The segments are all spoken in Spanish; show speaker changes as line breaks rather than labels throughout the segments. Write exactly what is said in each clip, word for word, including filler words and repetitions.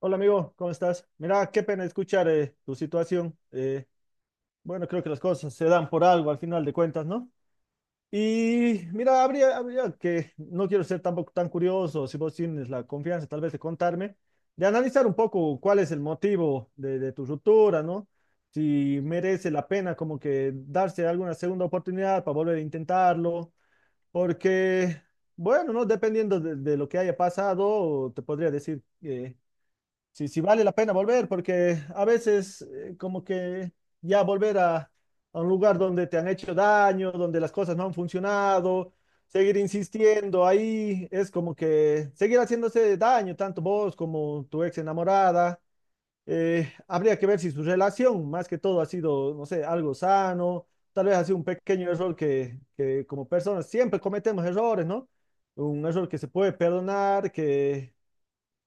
Hola amigo, ¿cómo estás? Mira, qué pena escuchar eh, tu situación. Eh, bueno, creo que las cosas se dan por algo al final de cuentas, ¿no? Y mira, habría, habría que, no quiero ser tampoco tan curioso, si vos tienes la confianza tal vez de contarme, de analizar un poco cuál es el motivo de, de tu ruptura, ¿no? Si merece la pena como que darse alguna segunda oportunidad para volver a intentarlo, porque, bueno, ¿no? Dependiendo de, de lo que haya pasado, te podría decir que si, si vale la pena volver, porque a veces eh, como que ya volver a, a un lugar donde te han hecho daño, donde las cosas no han funcionado, seguir insistiendo ahí es como que seguir haciéndose daño, tanto vos como tu ex enamorada. Eh, habría que ver si su relación, más que todo, ha sido, no sé, algo sano, tal vez ha sido un pequeño error que, que como personas siempre cometemos errores, ¿no? Un error que se puede perdonar, que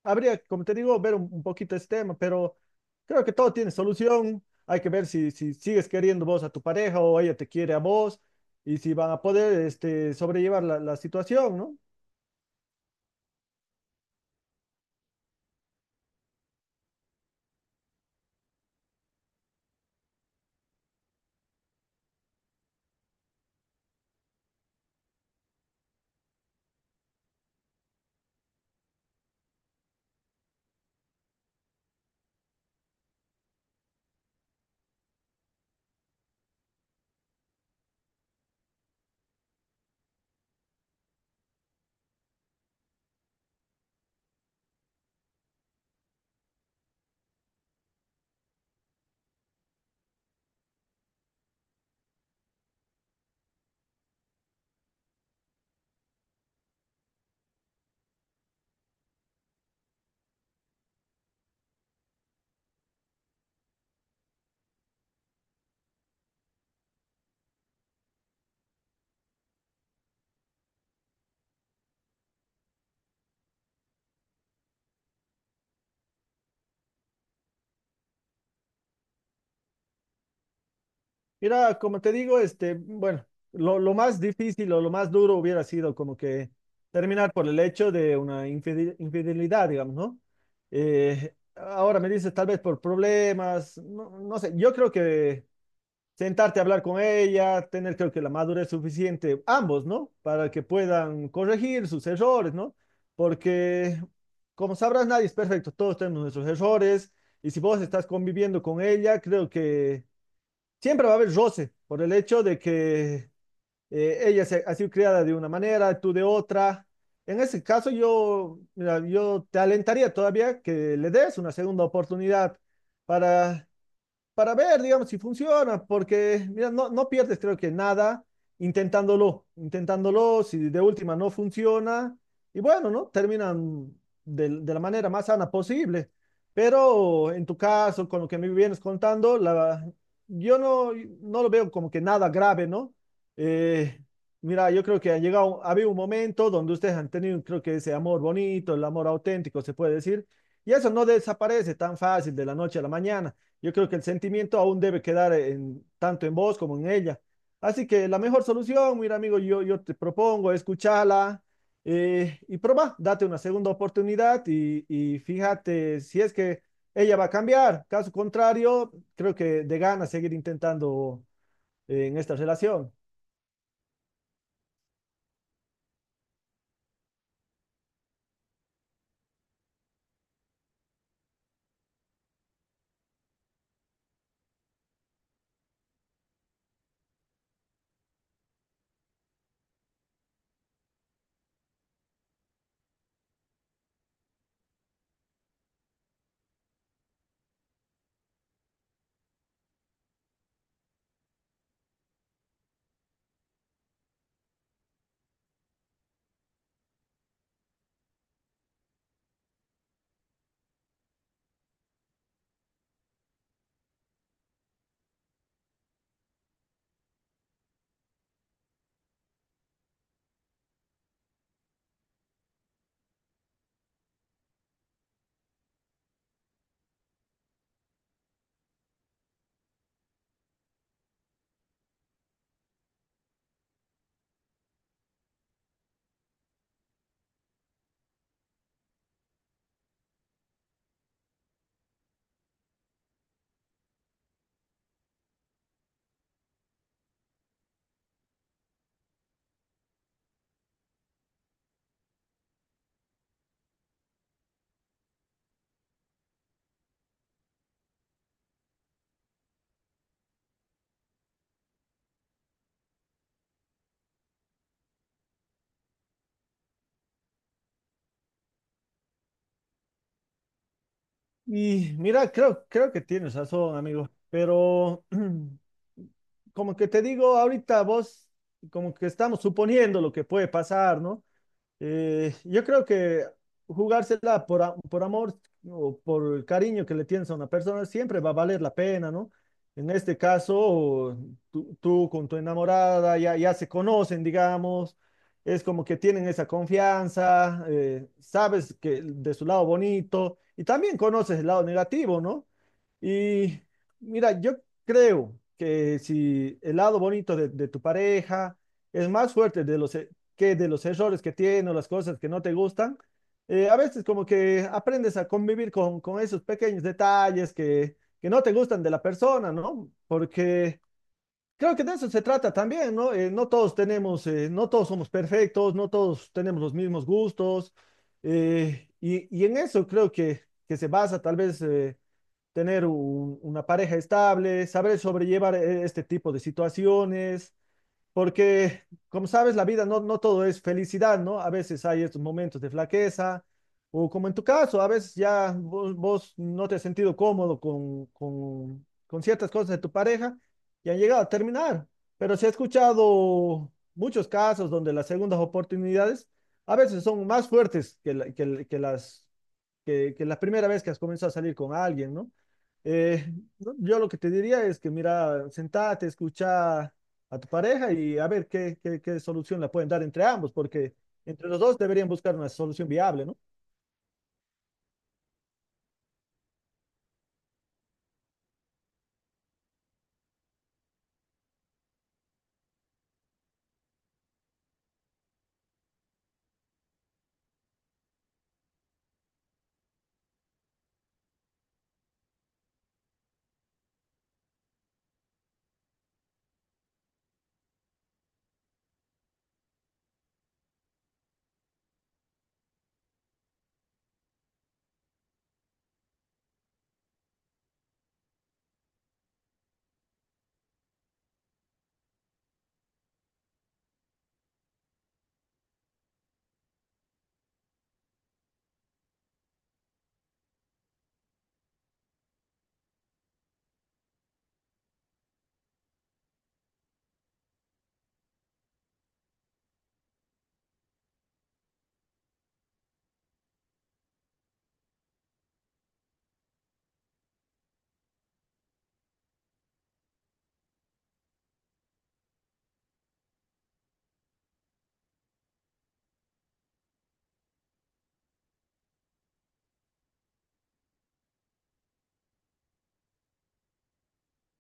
habría, como te digo, ver un, un poquito este tema, pero creo que todo tiene solución. Hay que ver si, si sigues queriendo vos a tu pareja o ella te quiere a vos, y si van a poder este, sobrellevar la, la situación, ¿no? Mira, como te digo, este, bueno, lo, lo más difícil o lo más duro hubiera sido como que terminar por el hecho de una infide- infidelidad, digamos, ¿no? Eh, ahora me dices tal vez por problemas, no, no sé, yo creo que sentarte a hablar con ella, tener creo que la madurez suficiente, ambos, ¿no? Para que puedan corregir sus errores, ¿no? Porque, como sabrás, nadie es perfecto, todos tenemos nuestros errores, y si vos estás conviviendo con ella, creo que siempre va a haber roce por el hecho de que eh, ella se, ha sido criada de una manera, tú de otra. En ese caso, yo, mira, yo te alentaría todavía que le des una segunda oportunidad para para ver, digamos, si funciona, porque, mira, no, no pierdes creo que nada intentándolo, intentándolo, si de última no funciona, y bueno, ¿no? Terminan de, de la manera más sana posible. Pero en tu caso, con lo que me vienes contando, la, yo no, no lo veo como que nada grave, ¿no? Eh, mira, yo creo que ha llegado, ha habido un momento donde ustedes han tenido, creo que ese amor bonito, el amor auténtico, se puede decir, y eso no desaparece tan fácil de la noche a la mañana. Yo creo que el sentimiento aún debe quedar en, tanto en vos como en ella. Así que la mejor solución, mira amigo, yo, yo te propongo escucharla eh, y probar, date una segunda oportunidad y, y fíjate si es que ella va a cambiar. Caso contrario, creo que de ganas seguir intentando eh, en esta relación. Y mira, creo, creo que tienes razón, amigo, pero como que te digo, ahorita vos, como que estamos suponiendo lo que puede pasar, ¿no? Eh, yo creo que jugársela por, a- por amor o por el cariño que le tienes a una persona siempre va a valer la pena, ¿no? En este caso, tú, tú con tu enamorada ya, ya se conocen, digamos, es como que tienen esa confianza, eh, sabes que de su lado bonito y también conoces el lado negativo, ¿no? Y mira, yo creo que si el lado bonito de, de tu pareja es más fuerte de los, e- que de los errores que tiene o las cosas que no te gustan, eh, a veces como que aprendes a convivir con, con esos pequeños detalles que, que no te gustan de la persona, ¿no? Porque creo que de eso se trata también, ¿no? Eh, no todos tenemos, eh, no todos somos perfectos, no todos tenemos los mismos gustos, eh, y, y en eso creo que, que se basa tal vez eh, tener un- una pareja estable, saber sobrellevar eh, este tipo de situaciones, porque como sabes, la vida no, no todo es felicidad, ¿no? A veces hay estos momentos de flaqueza, o como en tu caso, a veces ya vos, vos no te has sentido cómodo con, con, con ciertas cosas de tu pareja y han llegado a terminar, pero se ha escuchado muchos casos donde las segundas oportunidades a veces son más fuertes que, la- que que las que, que la primera vez que has comenzado a salir con alguien, ¿no? Eh, no, yo lo que te diría es que, mira, sentate, escucha a tu pareja y a ver qué, qué, qué solución la pueden dar entre ambos, porque entre los dos deberían buscar una solución viable, ¿no?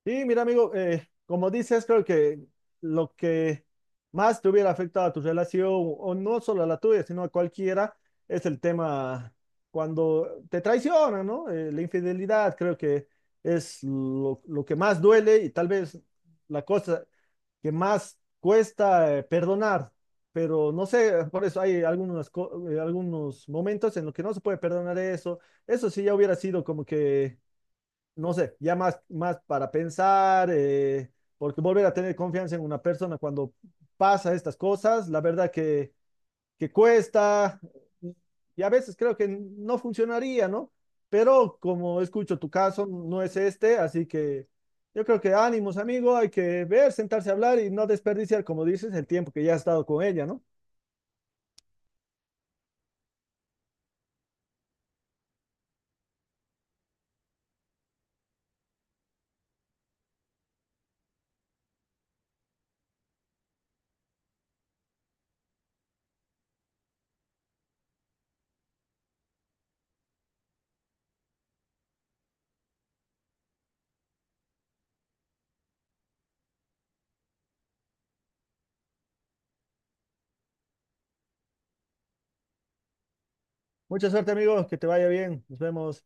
Sí, mira, amigo, eh, como dices, creo que lo que más te hubiera afectado a tu relación, o no solo a la tuya, sino a cualquiera, es el tema cuando te traicionan, ¿no? Eh, la infidelidad creo que es lo, lo que más duele y tal vez la cosa que más cuesta eh, perdonar, pero no sé, por eso hay algunos, algunos momentos en los que no se puede perdonar eso. Eso sí ya hubiera sido como que no sé, ya más, más para pensar, eh, porque volver a tener confianza en una persona cuando pasa estas cosas, la verdad que, que cuesta y a veces creo que no funcionaría, ¿no? Pero como escucho tu caso, no es este, así que yo creo que ánimos, amigo, hay que ver, sentarse a hablar y no desperdiciar, como dices, el tiempo que ya has estado con ella, ¿no? Mucha suerte, amigo, que te vaya bien, nos vemos.